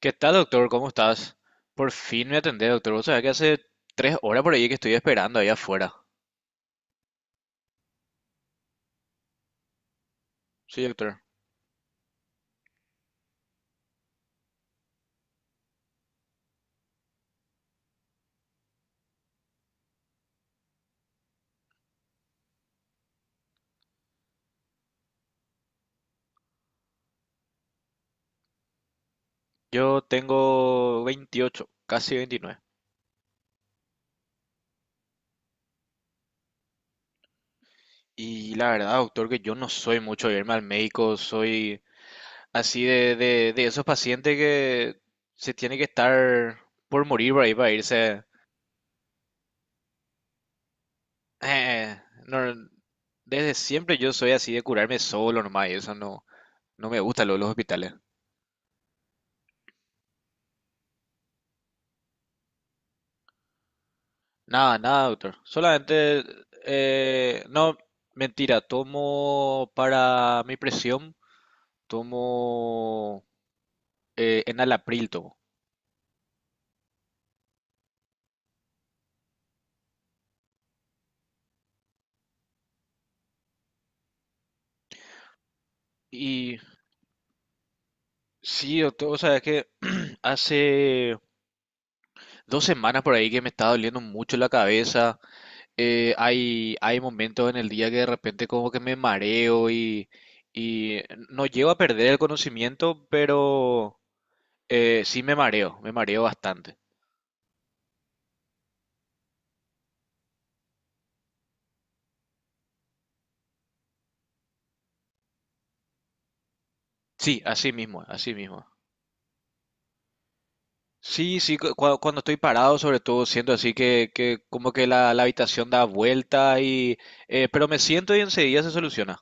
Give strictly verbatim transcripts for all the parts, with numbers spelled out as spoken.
¿Qué tal, doctor? ¿Cómo estás? Por fin me atendés, doctor. Vos sabés que hace tres horas por ahí que estoy esperando ahí afuera. Sí, doctor. Yo tengo veintiocho, casi veintinueve. Y la verdad, doctor, que yo no soy mucho de irme al médico. Soy así de, de, de esos pacientes que se tiene que estar por morir por ahí para irse. Eh, no, desde siempre yo soy así de curarme solo nomás. Y eso no, no me gusta lo de los hospitales. Nada, nada, doctor. Solamente, eh, no, mentira, tomo para mi presión, tomo eh, enalapril, tomo. Y sí, doctor, o sea, es que hace dos semanas por ahí que me está doliendo mucho la cabeza. Eh, hay, hay momentos en el día que de repente como que me mareo y, y no llego a perder el conocimiento, pero eh, sí me mareo, me mareo bastante. Sí, así mismo, así mismo. Sí, sí, cu- cua- cuando estoy parado, sobre todo, siento así que, que como que la, la habitación da vuelta y... eh, pero me siento y enseguida se soluciona.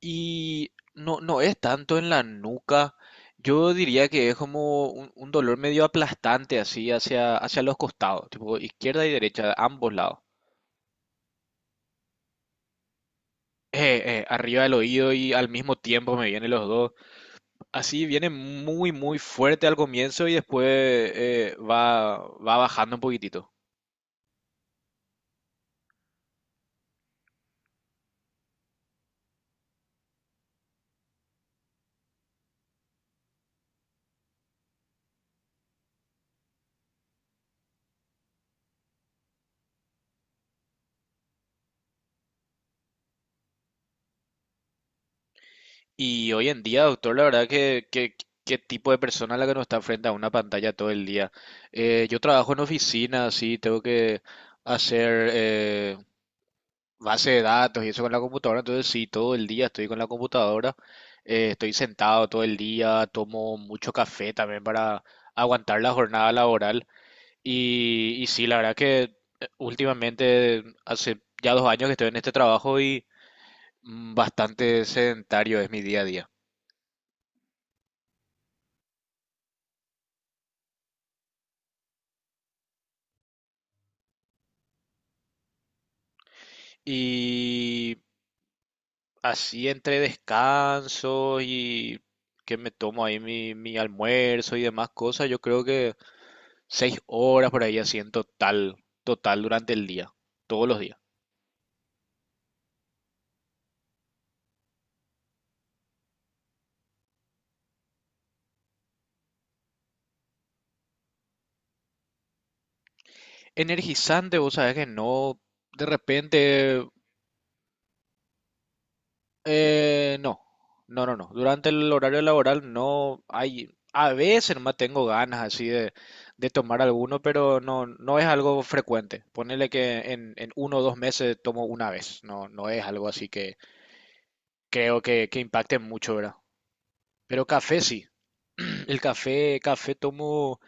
Y no, no es tanto en la nuca. Yo diría que es como un, un dolor medio aplastante así hacia, hacia los costados, tipo izquierda y derecha, ambos lados. Eh, eh, arriba del oído y al mismo tiempo me vienen los dos. Así viene muy, muy fuerte al comienzo y después eh, va, va bajando un poquitito. Y hoy en día, doctor, la verdad que, que- qué tipo de persona la que no está frente a una pantalla todo el día. Eh, yo trabajo en oficina, sí, tengo que hacer eh, base de datos y eso con la computadora, entonces sí, todo el día estoy con la computadora, eh, estoy sentado todo el día, tomo mucho café también para aguantar la jornada laboral. Y, y sí, la verdad que eh, últimamente, hace ya dos años que estoy en este trabajo y mm, bastante sedentario es mi día a día. Y así entre descansos y que me tomo ahí mi, mi almuerzo y demás cosas, yo creo que seis horas por ahí así en total, total, durante el día, todos los días. Energizante, vos sabés que no, de repente. Eh, no, no, no, no. Durante el horario laboral no hay, a veces más tengo ganas así de, de tomar alguno, pero no, no es algo frecuente. Ponele que en, en uno o dos meses tomo una vez, no, no es algo así que creo que, que impacte mucho, ¿verdad? Pero café sí, el café, café tomo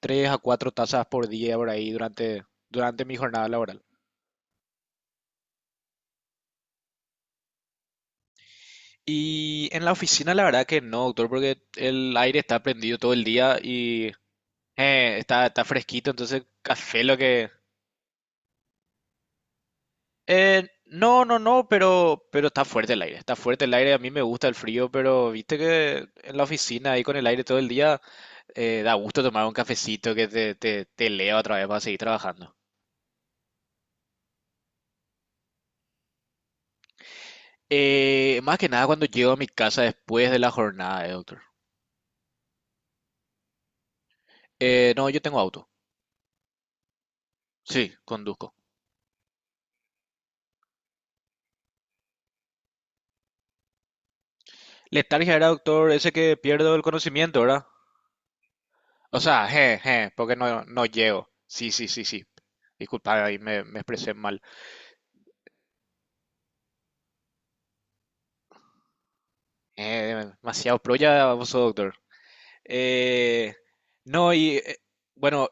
tres a cuatro tazas por día por ahí durante, durante mi jornada laboral. Y en la oficina la verdad que no, doctor, porque el aire está prendido todo el día y Eh, está, está fresquito, entonces café lo que... Eh, no, no, no, pero, pero está fuerte el aire, está fuerte el aire, a mí me gusta el frío, pero viste que en la oficina ahí con el aire todo el día eh, da gusto tomar un cafecito que te, te, te eleva otra vez para seguir trabajando. Eh, más que nada cuando llego a mi casa después de la jornada, eh, doctor. Eh, no, yo tengo auto, sí, conduzco. Letargia era, doctor, ese que pierdo el conocimiento, ¿verdad? O sea, je, je, porque no, no llego. Sí, sí, sí, sí. Disculpa, ahí me, me expresé mal. Eh, demasiado pro ya, vos doctor. Eh, no, y eh, bueno,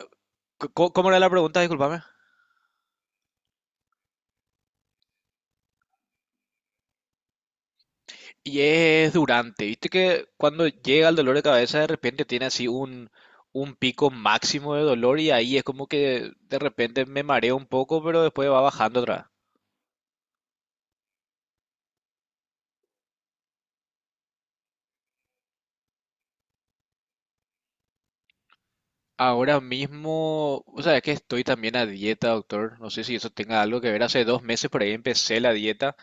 ¿cómo, cómo era la pregunta? Disculpame. Y es durante, viste que cuando llega el dolor de cabeza de repente tiene así un, un pico máximo de dolor y ahí es como que de repente me mareo un poco, pero después va bajando otra. Ahora mismo, o sea, es que estoy también a dieta, doctor. No sé si eso tenga algo que ver. Hace dos meses por ahí empecé la dieta,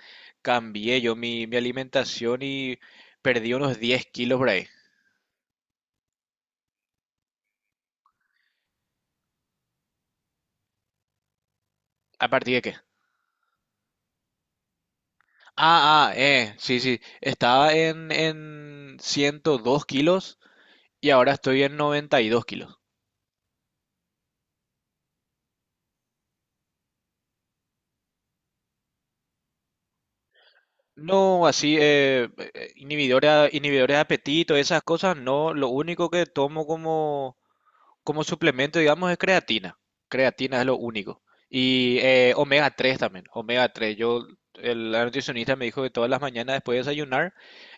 cambié yo mi, mi alimentación y perdí unos diez kilos por ahí. ¿A partir de qué? Ah, ah, eh, sí, sí. Estaba en, en ciento dos kilos y ahora estoy en noventa y dos kilos. No, así, eh, eh, inhibidora- inhibidores de apetito, esas cosas, no. Lo único que tomo como como suplemento, digamos, es creatina. Creatina es lo único. Y eh, omega tres también, omega tres. Yo, el, la nutricionista me dijo que todas las mañanas después de desayunar,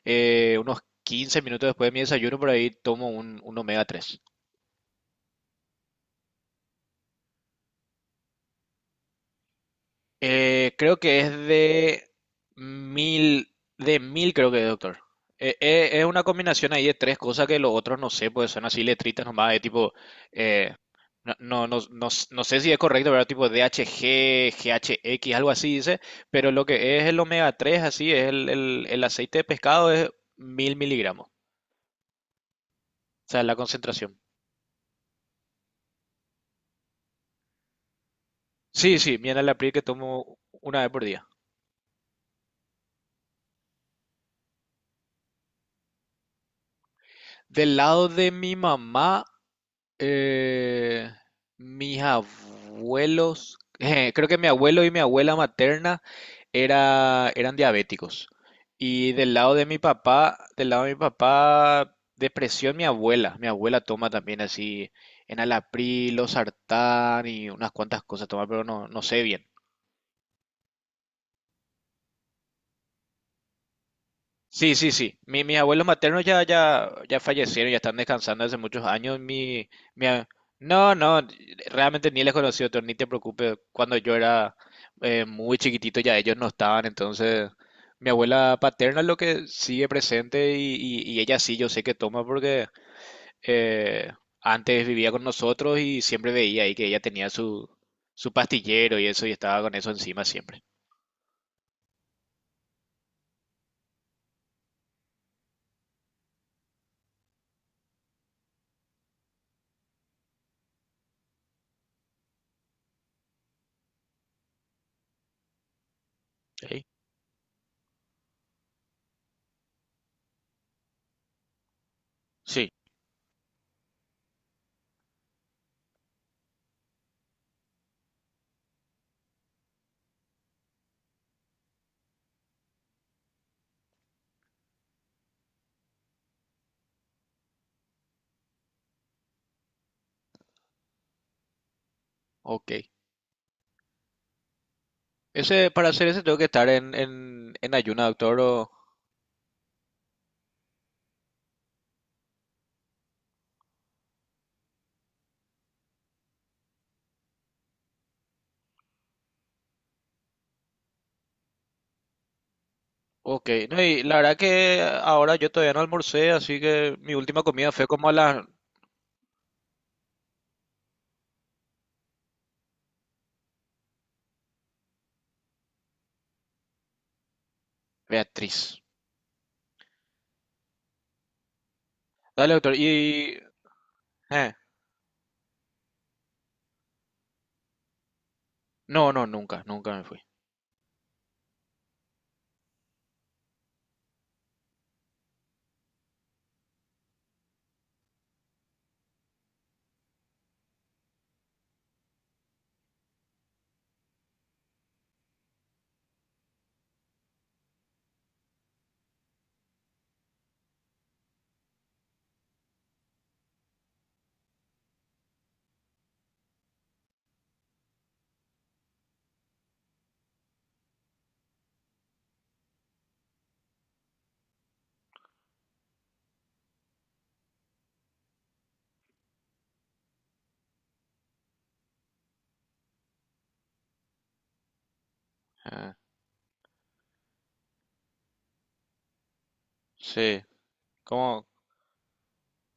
eh, unos quince minutos después de mi desayuno, por ahí tomo un, un omega tres. Eh, creo que es de mil, de mil creo que de doctor. Eh, eh, es una combinación ahí de tres cosas que los otros no sé, pues son así letritas nomás, de tipo, eh, no, no, no, no s- no sé si es correcto, pero tipo D H G G H X algo así dice, pero lo que es el omega tres así, es el, el- el aceite de pescado es mil miligramos, o sea, la concentración. Sí, sí, miel a la April que tomo una vez por día. Del lado de mi mamá, Eh, mis abuelos, creo que mi abuelo y mi abuela materna era, eran diabéticos. Y del lado de mi papá, del lado de mi papá, depresión mi abuela. Mi abuela toma también así enalapril, losartán y unas cuantas cosas toma, pero no, no sé bien. Sí, sí, sí. Mi- mis abuelos maternos ya, ya, ya fallecieron, ya están descansando hace muchos años. Mi, mi a- no, no, realmente ni les conocí otro, ni te preocupes. Cuando yo era eh, muy chiquitito ya ellos no estaban, entonces mi abuela paterna es lo que sigue presente y, y- y ella sí, yo sé que toma porque eh, antes vivía con nosotros y siempre veía ahí que ella tenía su, su pastillero y eso y estaba con eso encima siempre. Ok, sí, ok. Ese, para hacer ese tengo que estar en, en, en ayuna, doctor. O... Ok, no, y la verdad que ahora yo todavía no almorcé, así que mi última comida fue como a las. Beatriz. Dale, doctor. Y... eh, No, no, nunca, nunca me fui. Ah, sí, cómo,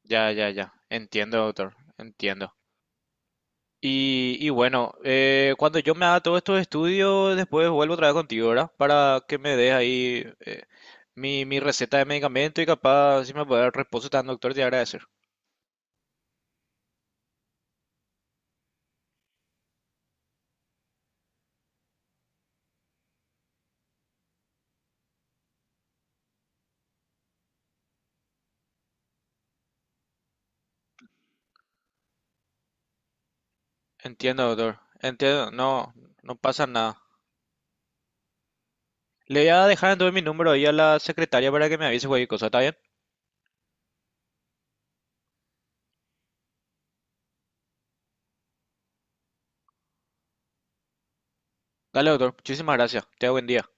Ya, ya, ya. Entiendo, doctor. Entiendo. Y, y bueno, eh, cuando yo me haga todos estos estudios, después vuelvo otra vez contigo, ¿verdad? Para que me des ahí eh, mi, mi receta de medicamento y capaz si me puede dar reposo tan doctor, te agradecer. Entiendo, doctor. Entiendo. No, no pasa nada. Le voy a dejar entonces mi número ahí a la secretaria para que me avise cualquier cosa, ¿está bien? Dale, doctor. Muchísimas gracias. Te buen día.